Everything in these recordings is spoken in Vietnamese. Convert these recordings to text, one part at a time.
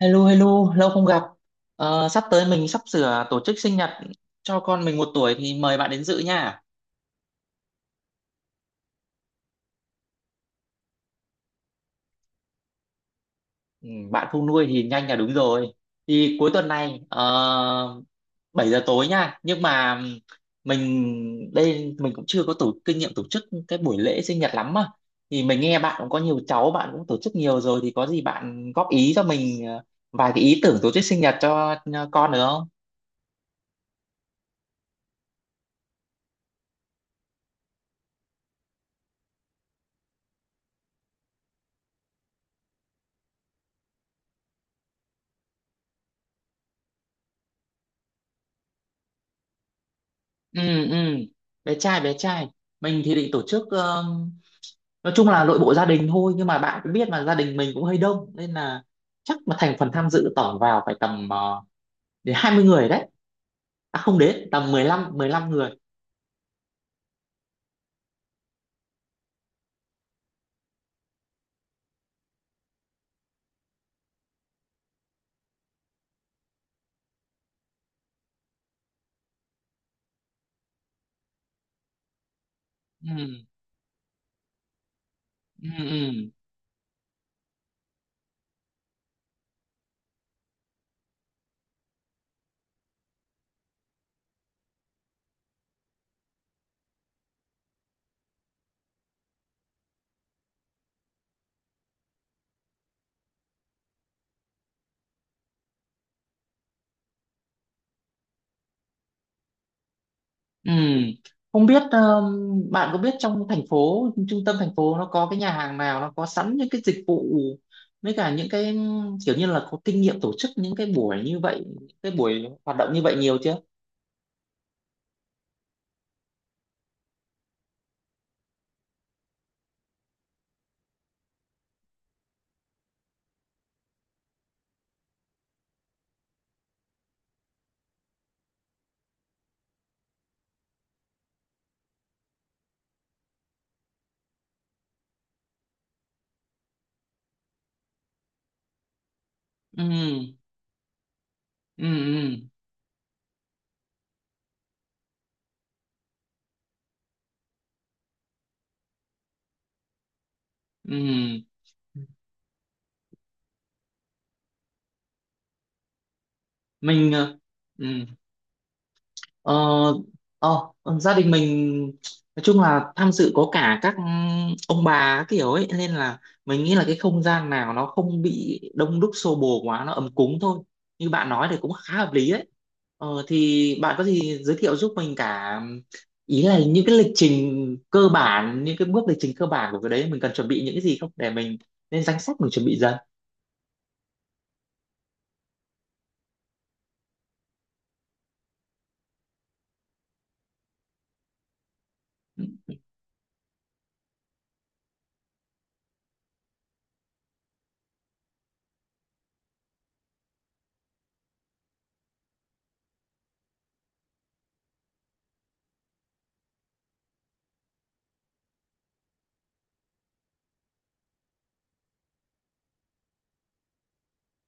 Hello, hello, lâu không gặp. Ờ, sắp tới mình sắp sửa tổ chức sinh nhật cho con mình 1 tuổi thì mời bạn đến dự nha. Ừ, bạn không nuôi thì nhanh là đúng rồi. Thì cuối tuần này 7 giờ tối nha. Nhưng mà mình đây mình cũng chưa có kinh nghiệm tổ chức cái buổi lễ sinh nhật lắm mà. Thì mình nghe bạn cũng có nhiều cháu, bạn cũng tổ chức nhiều rồi thì có gì bạn góp ý cho mình vài cái ý tưởng tổ chức sinh nhật cho con được không? Ừ, ừ, bé trai, bé trai. Mình thì định tổ chức nói chung là nội bộ gia đình thôi, nhưng mà bạn cũng biết mà gia đình mình cũng hơi đông nên là chắc mà thành phần tham dự tổng vào phải tầm đến 20 người đấy, à không, đến tầm mười lăm người. Ừ, ừ, ừ, ừ. Không biết bạn có biết trong thành phố, trung tâm thành phố nó có cái nhà hàng nào nó có sẵn những cái dịch vụ với cả những cái kiểu như là có kinh nghiệm tổ chức những cái buổi như vậy, cái buổi hoạt động như vậy nhiều chưa? Ừ, ừ, ừ, ừ. mình ờ, ừ. Ờ, ờ, gia đình mình nói chung là tham dự có cả các ông bà kiểu ấy nên là mình nghĩ là cái không gian nào nó không bị đông đúc xô bồ quá, nó ấm cúng thôi. Như bạn nói thì cũng khá hợp lý đấy. Thì bạn có gì giới thiệu giúp mình cả, ý là những cái lịch trình cơ bản, những cái bước lịch trình cơ bản của cái đấy mình cần chuẩn bị những cái gì không để mình lên danh sách, mình chuẩn bị dần.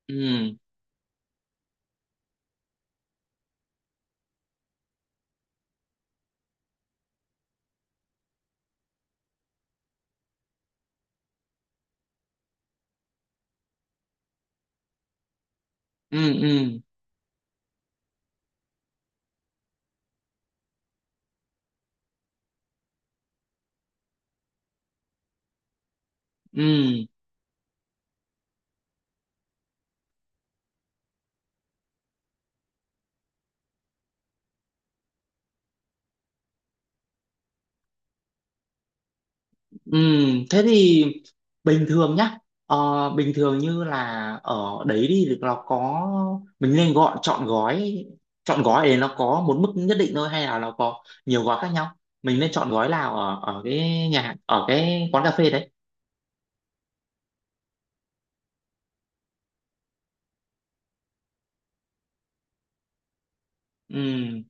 Ừ, ừ, ừ, ừ, ừ. Thế thì bình thường nhá, bình thường như là ở đấy đi thì nó có, mình nên gọi Chọn gói để nó có một mức nhất định thôi hay là nó có nhiều gói khác nhau, mình nên chọn gói nào ở ở cái nhà hàng- ở cái quán cà phê đấy? Ừm,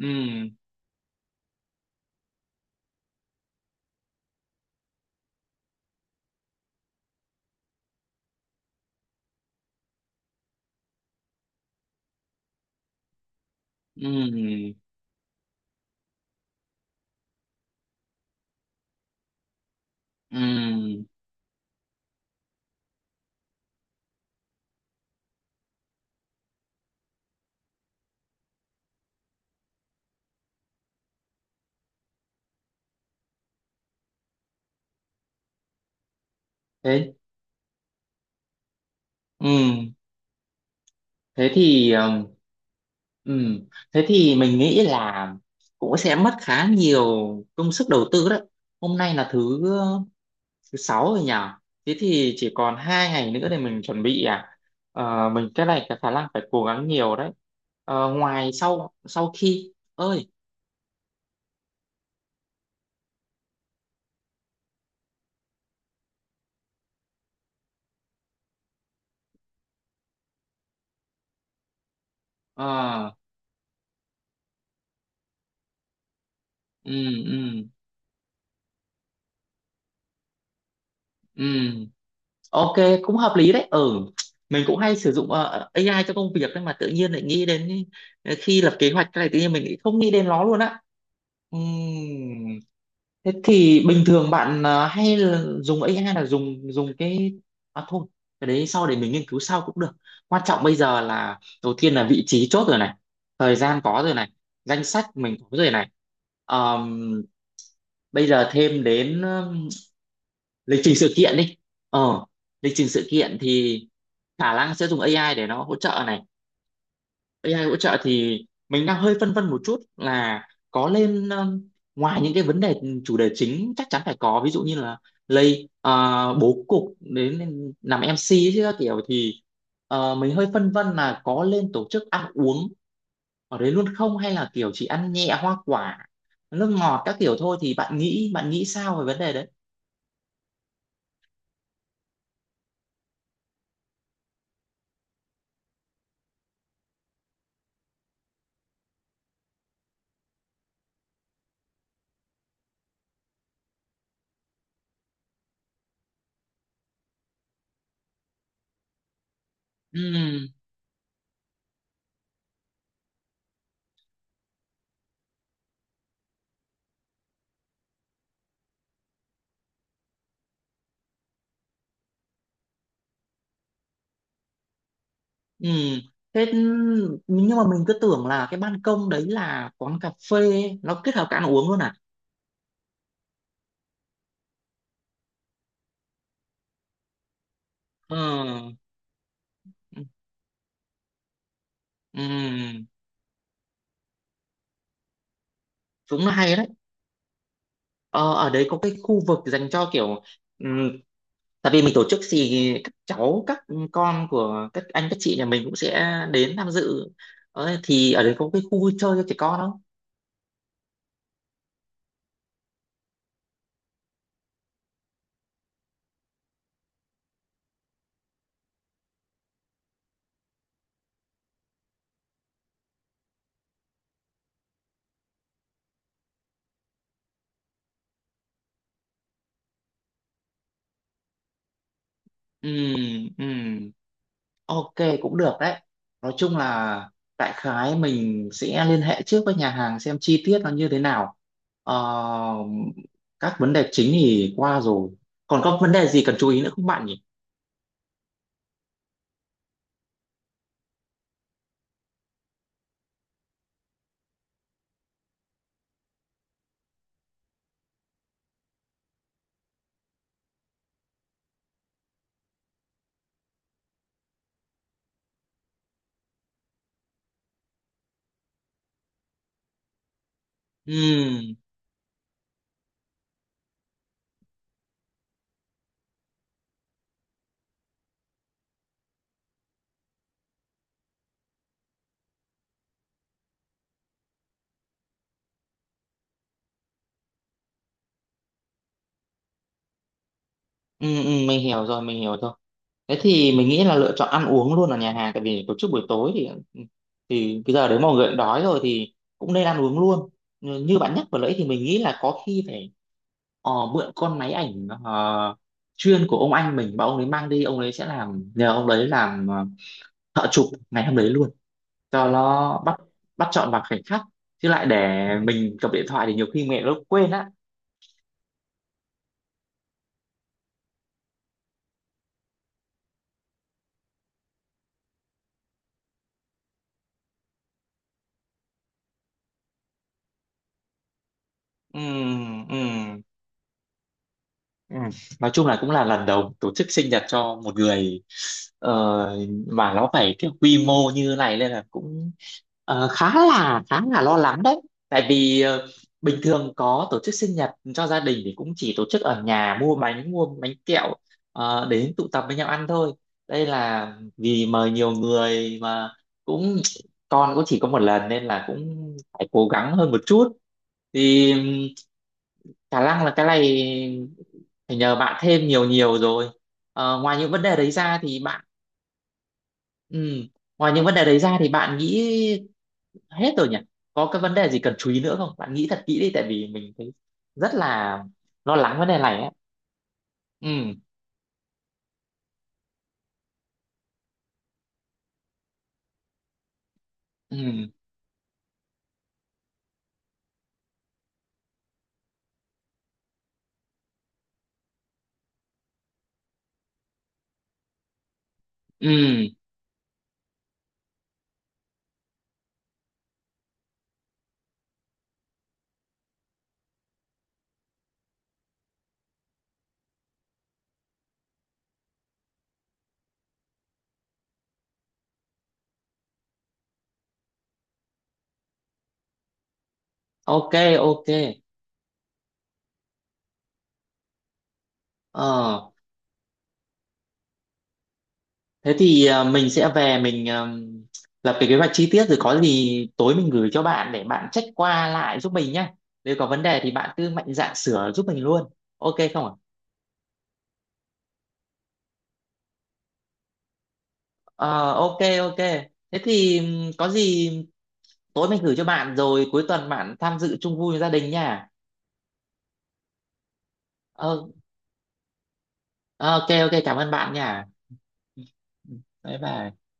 ừm, ừm, ừm. Thế ừm, thế thì ừ. Thế thì mình nghĩ là cũng sẽ mất khá nhiều công sức đầu tư đấy. Hôm nay là thứ thứ sáu rồi nhỉ, thế thì chỉ còn 2 ngày nữa để mình chuẩn bị à. Ờ, mình cái này cái khả năng phải cố gắng nhiều đấy. Ờ, ngoài sau sau khi ơi, ờ, ừ, ừ, ừ, ok, cũng hợp lý đấy, ừ. Mình cũng hay sử dụng AI cho công việc, nhưng mà tự nhiên lại nghĩ đến khi lập kế hoạch cái này tự nhiên mình lại không nghĩ đến nó luôn á. Ừ. Thế thì bình thường bạn hay là dùng AI là dùng dùng cái, à thôi, cái đấy sau để mình nghiên cứu sau cũng được. Quan trọng bây giờ là, đầu tiên là vị trí chốt rồi này, thời gian có rồi này, danh sách mình có rồi này. Ờm, bây giờ thêm đến lịch trình sự kiện đi. Ờ lịch trình sự kiện thì khả năng sẽ dùng AI để nó hỗ trợ này. AI hỗ trợ thì mình đang hơi phân vân một chút là có lên ngoài những cái vấn đề chủ đề chính chắc chắn phải có, ví dụ như là lay bố cục đến làm MC ấy chứ các kiểu thì mình hơi phân vân là có lên tổ chức ăn uống ở đấy luôn không, hay là kiểu chỉ ăn nhẹ hoa quả nước ngọt các kiểu thôi. Thì bạn nghĩ sao về vấn đề đấy? Ừ, ừ. Thế nhưng mà mình cứ tưởng là cái ban công đấy là quán cà phê, nó kết hợp cả ăn uống luôn à? Ừ. Ừm, cũng hay đấy. Ờ, Ở đấy có cái khu vực dành cho kiểu ừm, tại vì mình tổ chức thì các cháu, các con của các anh các chị nhà mình cũng sẽ đến tham dự, thì ở đấy có cái khu vui chơi cho trẻ con không? Ừm, ừm, ok, cũng được đấy. Nói chung là đại khái mình sẽ liên hệ trước với nhà hàng xem chi tiết nó như thế nào. Ờ, các vấn đề chính thì qua rồi, còn có vấn đề gì cần chú ý nữa không bạn nhỉ? Ừ. Ừ, ừ, mình hiểu rồi, mình hiểu rồi. Thế thì mình nghĩ là lựa chọn ăn uống luôn ở nhà hàng, tại vì tổ chức buổi tối thì cái giờ đấy mọi người cũng đói rồi thì cũng nên ăn uống luôn. Như như bạn nhắc vừa nãy thì mình nghĩ là có khi phải mượn con máy ảnh chuyên của ông anh mình mà ông ấy mang đi, ông ấy sẽ làm, nhờ ông đấy làm thợ chụp ngày hôm đấy luôn cho nó bắt bắt chọn vào khoảnh khắc, chứ lại để mình cầm điện thoại thì nhiều khi mẹ nó quên á. Ừ, ừ. Ừ. Nói chung là cũng là lần đầu tổ chức sinh nhật cho một người ờ, mà nó phải cái quy mô như này nên là cũng khá là lo lắng đấy. Tại vì bình thường có tổ chức sinh nhật cho gia đình thì cũng chỉ tổ chức ở nhà, mua bánh kẹo, đến tụ tập với nhau ăn thôi. Đây là vì mời nhiều người mà, cũng con cũng chỉ có một lần nên là cũng phải cố gắng hơn một chút. Thì khả năng là cái này phải nhờ bạn thêm nhiều nhiều rồi. Ngoài những vấn đề đấy ra thì bạn, ừ, ngoài những vấn đề đấy ra thì bạn nghĩ hết rồi nhỉ? Có cái vấn đề gì cần chú ý nữa không? Bạn nghĩ thật kỹ đi tại vì mình thấy rất là lo lắng vấn đề này ấy. Ừ, ừ, ừ. Ok, ok. Ờ, thế thì mình sẽ về mình lập cái kế hoạch chi tiết rồi có gì tối mình gửi cho bạn để bạn check qua lại giúp mình nhé. Nếu có vấn đề thì bạn cứ mạnh dạn sửa giúp mình luôn. Ok không ạ? Ờ, ok ok, thế thì có gì tối mình gửi cho bạn rồi cuối tuần bạn tham dự chung vui với gia đình nha. Ờ, ờ, ok ok, cảm ơn bạn nha. Ừ, ừ, bye bye.